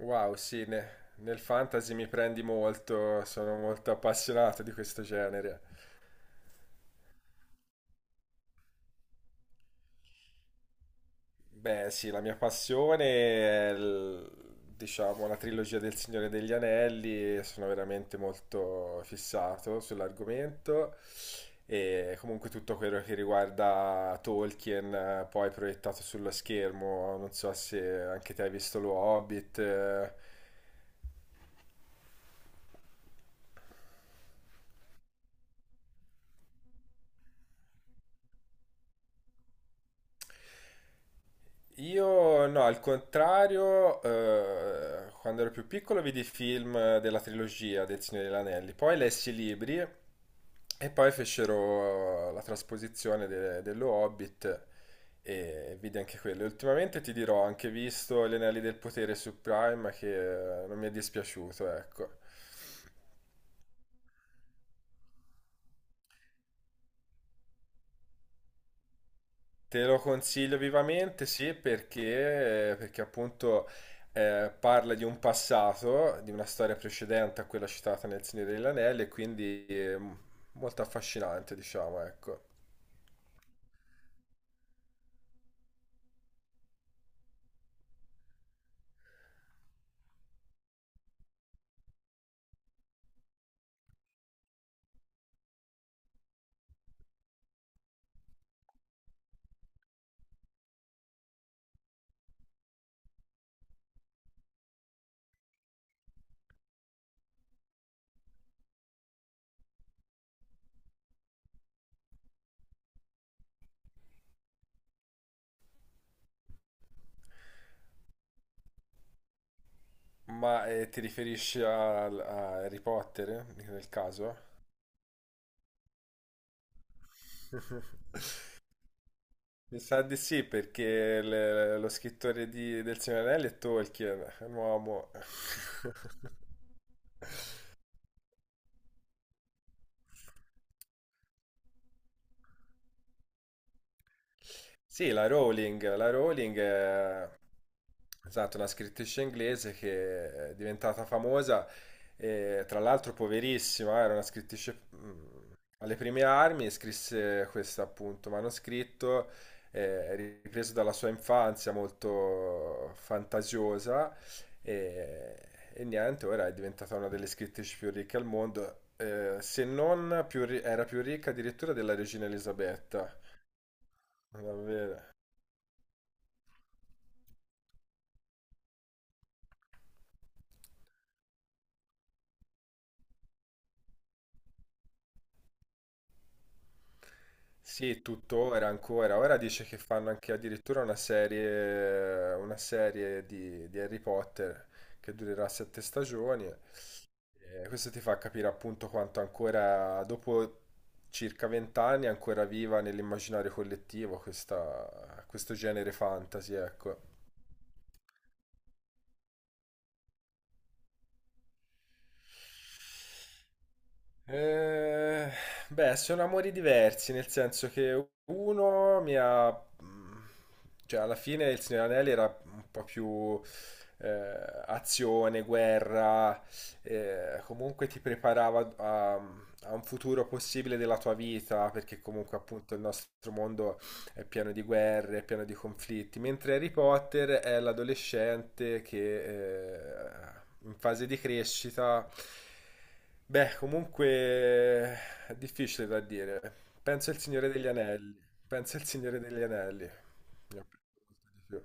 Wow, sì, nel fantasy mi prendi molto, sono molto appassionato di questo genere. Beh, sì, la mia passione è, il- diciamo, la trilogia del Signore degli Anelli, e sono veramente molto fissato sull'argomento e comunque tutto quello che riguarda Tolkien, poi proiettato sullo schermo, non so se anche te hai visto lo Hobbit. Io no, al contrario, quando ero più piccolo vidi i film della trilogia del Signore degli Anelli, poi lessi i libri e poi fecero la trasposizione dello Hobbit e vidi anche quello. Ultimamente ti dirò, ho anche visto Gli Anelli del Potere su Prime che non mi è dispiaciuto, ecco. Te lo consiglio vivamente, sì, perché, perché appunto parla di un passato, di una storia precedente a quella citata nel Signore degli Anelli, e quindi molto affascinante, diciamo, ecco. Ma ti riferisci a Harry Potter, nel caso? Mi sa di sì, perché lo scrittore del Signore degli Anelli è Tolkien, è un uomo. Sì, la Rowling è esatto, una scrittrice inglese che è diventata famosa, e, tra l'altro poverissima, era una scrittrice alle prime armi, e scrisse questo appunto manoscritto, ripreso dalla sua infanzia molto fantasiosa e, e niente, ora è diventata una delle scrittrici più ricche al mondo, se non più ri- era più ricca addirittura della regina Elisabetta, davvero. Sì, tuttora, ancora. Ora dice che fanno anche addirittura una serie di Harry Potter che durerà sette stagioni. E questo ti fa capire appunto quanto ancora, dopo circa vent'anni, è ancora viva nell'immaginario collettivo questo genere fantasy, ecco. Eh, beh, sono amori diversi, nel senso che uno mi ha... cioè, alla fine il Signore degli Anelli era un po' più azione, guerra, comunque ti preparava a un futuro possibile della tua vita, perché comunque appunto il nostro mondo è pieno di guerre, è pieno di conflitti, mentre Harry Potter è l'adolescente che in fase di crescita, beh, comunque è difficile da dire. Penso al Signore degli Anelli, penso al Signore degli Anelli. Mi ha preso molto di più.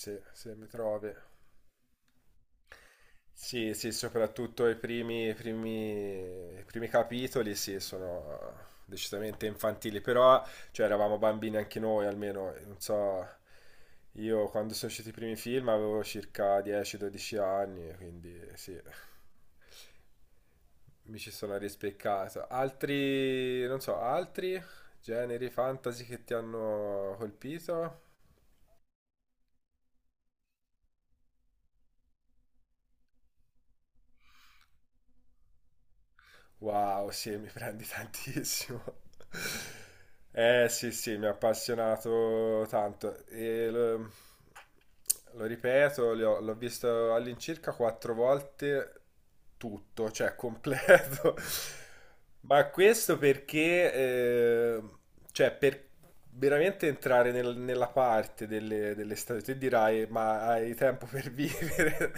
Se mi trovi. Sì, sì, soprattutto i primi capitoli, sì, sono decisamente infantili, però, cioè, eravamo bambini anche noi, almeno, non so, io quando sono usciti i primi film avevo circa 10-12 anni, quindi sì, mi ci sono rispeccato. Altri, non so, altri generi fantasy che ti hanno colpito? Wow, sì, mi prendi tantissimo. Eh sì, sì, mi ha appassionato tanto. Lo ripeto, l'ho visto all'incirca quattro volte tutto, cioè completo. Ma questo perché, cioè, per veramente entrare nella parte delle stagioni, tu dirai, ma hai tempo per vivere?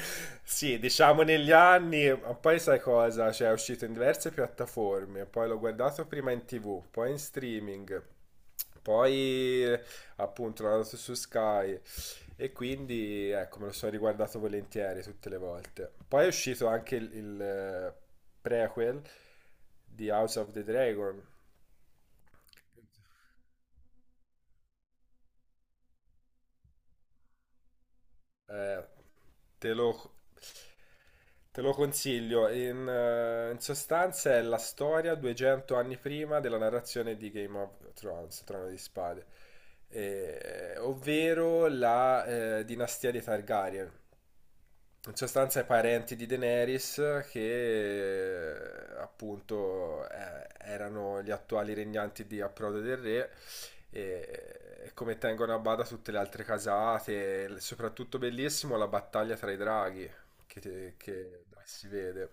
Sì, diciamo negli anni, ma poi sai cosa? Cioè, è uscito in diverse piattaforme, poi l'ho guardato prima in TV, poi in streaming, poi appunto l'ho andato su Sky. E quindi ecco, me lo sono riguardato volentieri tutte le volte. Poi è uscito anche prequel di House of the Dragon. Eh, te lo Te lo consiglio, in sostanza è la storia 200 anni prima della narrazione di Game of Thrones, Trono di Spade, ovvero la dinastia dei Targaryen. In sostanza i parenti di Daenerys che appunto erano gli attuali regnanti di Approdo del Re e come tengono a bada tutte le altre casate, soprattutto bellissimo la battaglia tra i draghi, dove si vede.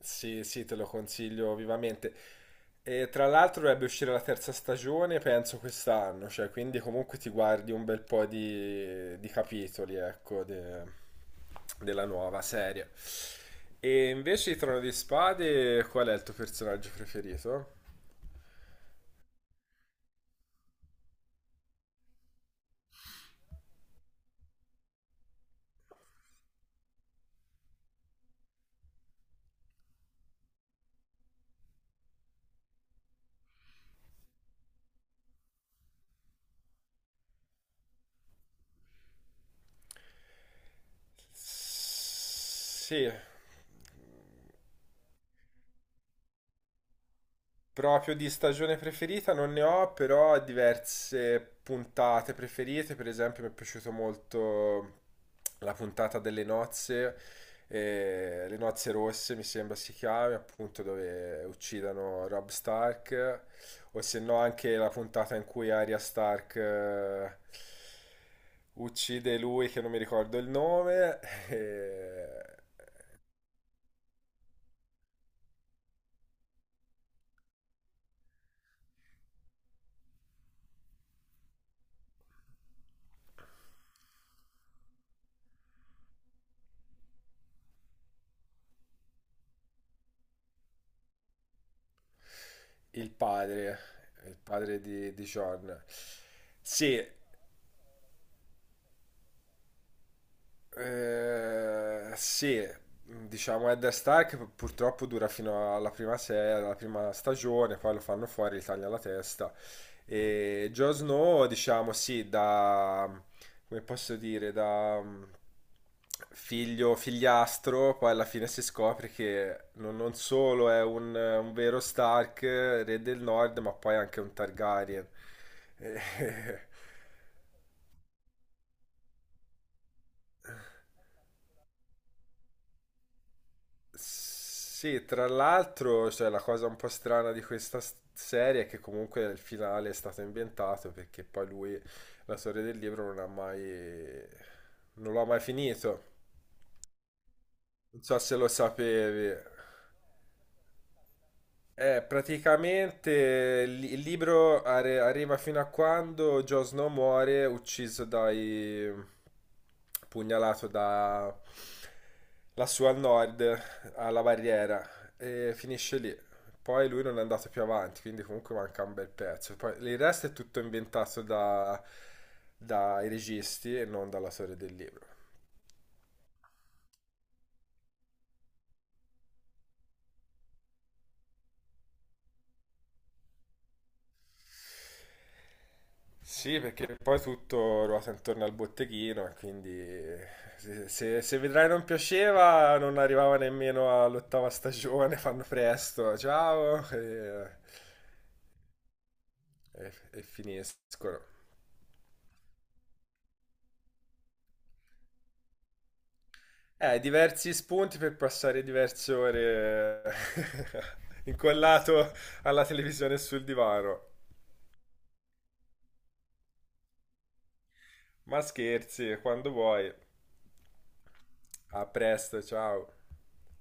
Sì, sì, te lo consiglio vivamente. E tra l'altro dovrebbe uscire la terza stagione, penso quest'anno, cioè, quindi comunque ti guardi un bel po' di capitoli, ecco, della nuova serie. E invece di Trono di Spade, qual è il tuo personaggio preferito? Sì, proprio di stagione preferita non ne ho, però ho diverse puntate preferite. Per esempio, mi è piaciuto molto la puntata delle nozze, le nozze rosse mi sembra si chiami, appunto dove uccidono Robb Stark, o se no anche la puntata in cui Arya Stark uccide lui che non mi ricordo il nome, eh, il padre, il padre di Jon. Sì, eh, sì, diciamo Ed Stark purtroppo dura fino alla prima serie, alla prima stagione, poi lo fanno fuori, gli tagliano la testa. E Jon Snow, diciamo, come posso dire, figlio, figliastro, poi alla fine si scopre che non, non solo è un vero Stark, re del Nord, ma poi anche un Targaryen. Sì, tra l'altro, cioè, la cosa un po' strana di questa serie è che comunque il finale è stato inventato perché poi lui, la storia del libro, non ha mai... non lo ha mai finito. Non so se lo sapevi. Praticamente il libro arriva fino a quando Jon Snow muore ucciso dai... pugnalato da... lassù al nord, alla barriera, e finisce lì. Poi lui non è andato più avanti, quindi comunque manca un bel pezzo. Poi il resto è tutto inventato dai registi e non dalla storia del libro. Sì, perché poi tutto ruota intorno al botteghino, e quindi se Vedrai non piaceva, non arrivava nemmeno all'ottava stagione, fanno presto, ciao, e, e finiscono. Diversi spunti per passare diverse ore incollato alla televisione e sul divano. Ma scherzi, quando vuoi. A presto, ciao.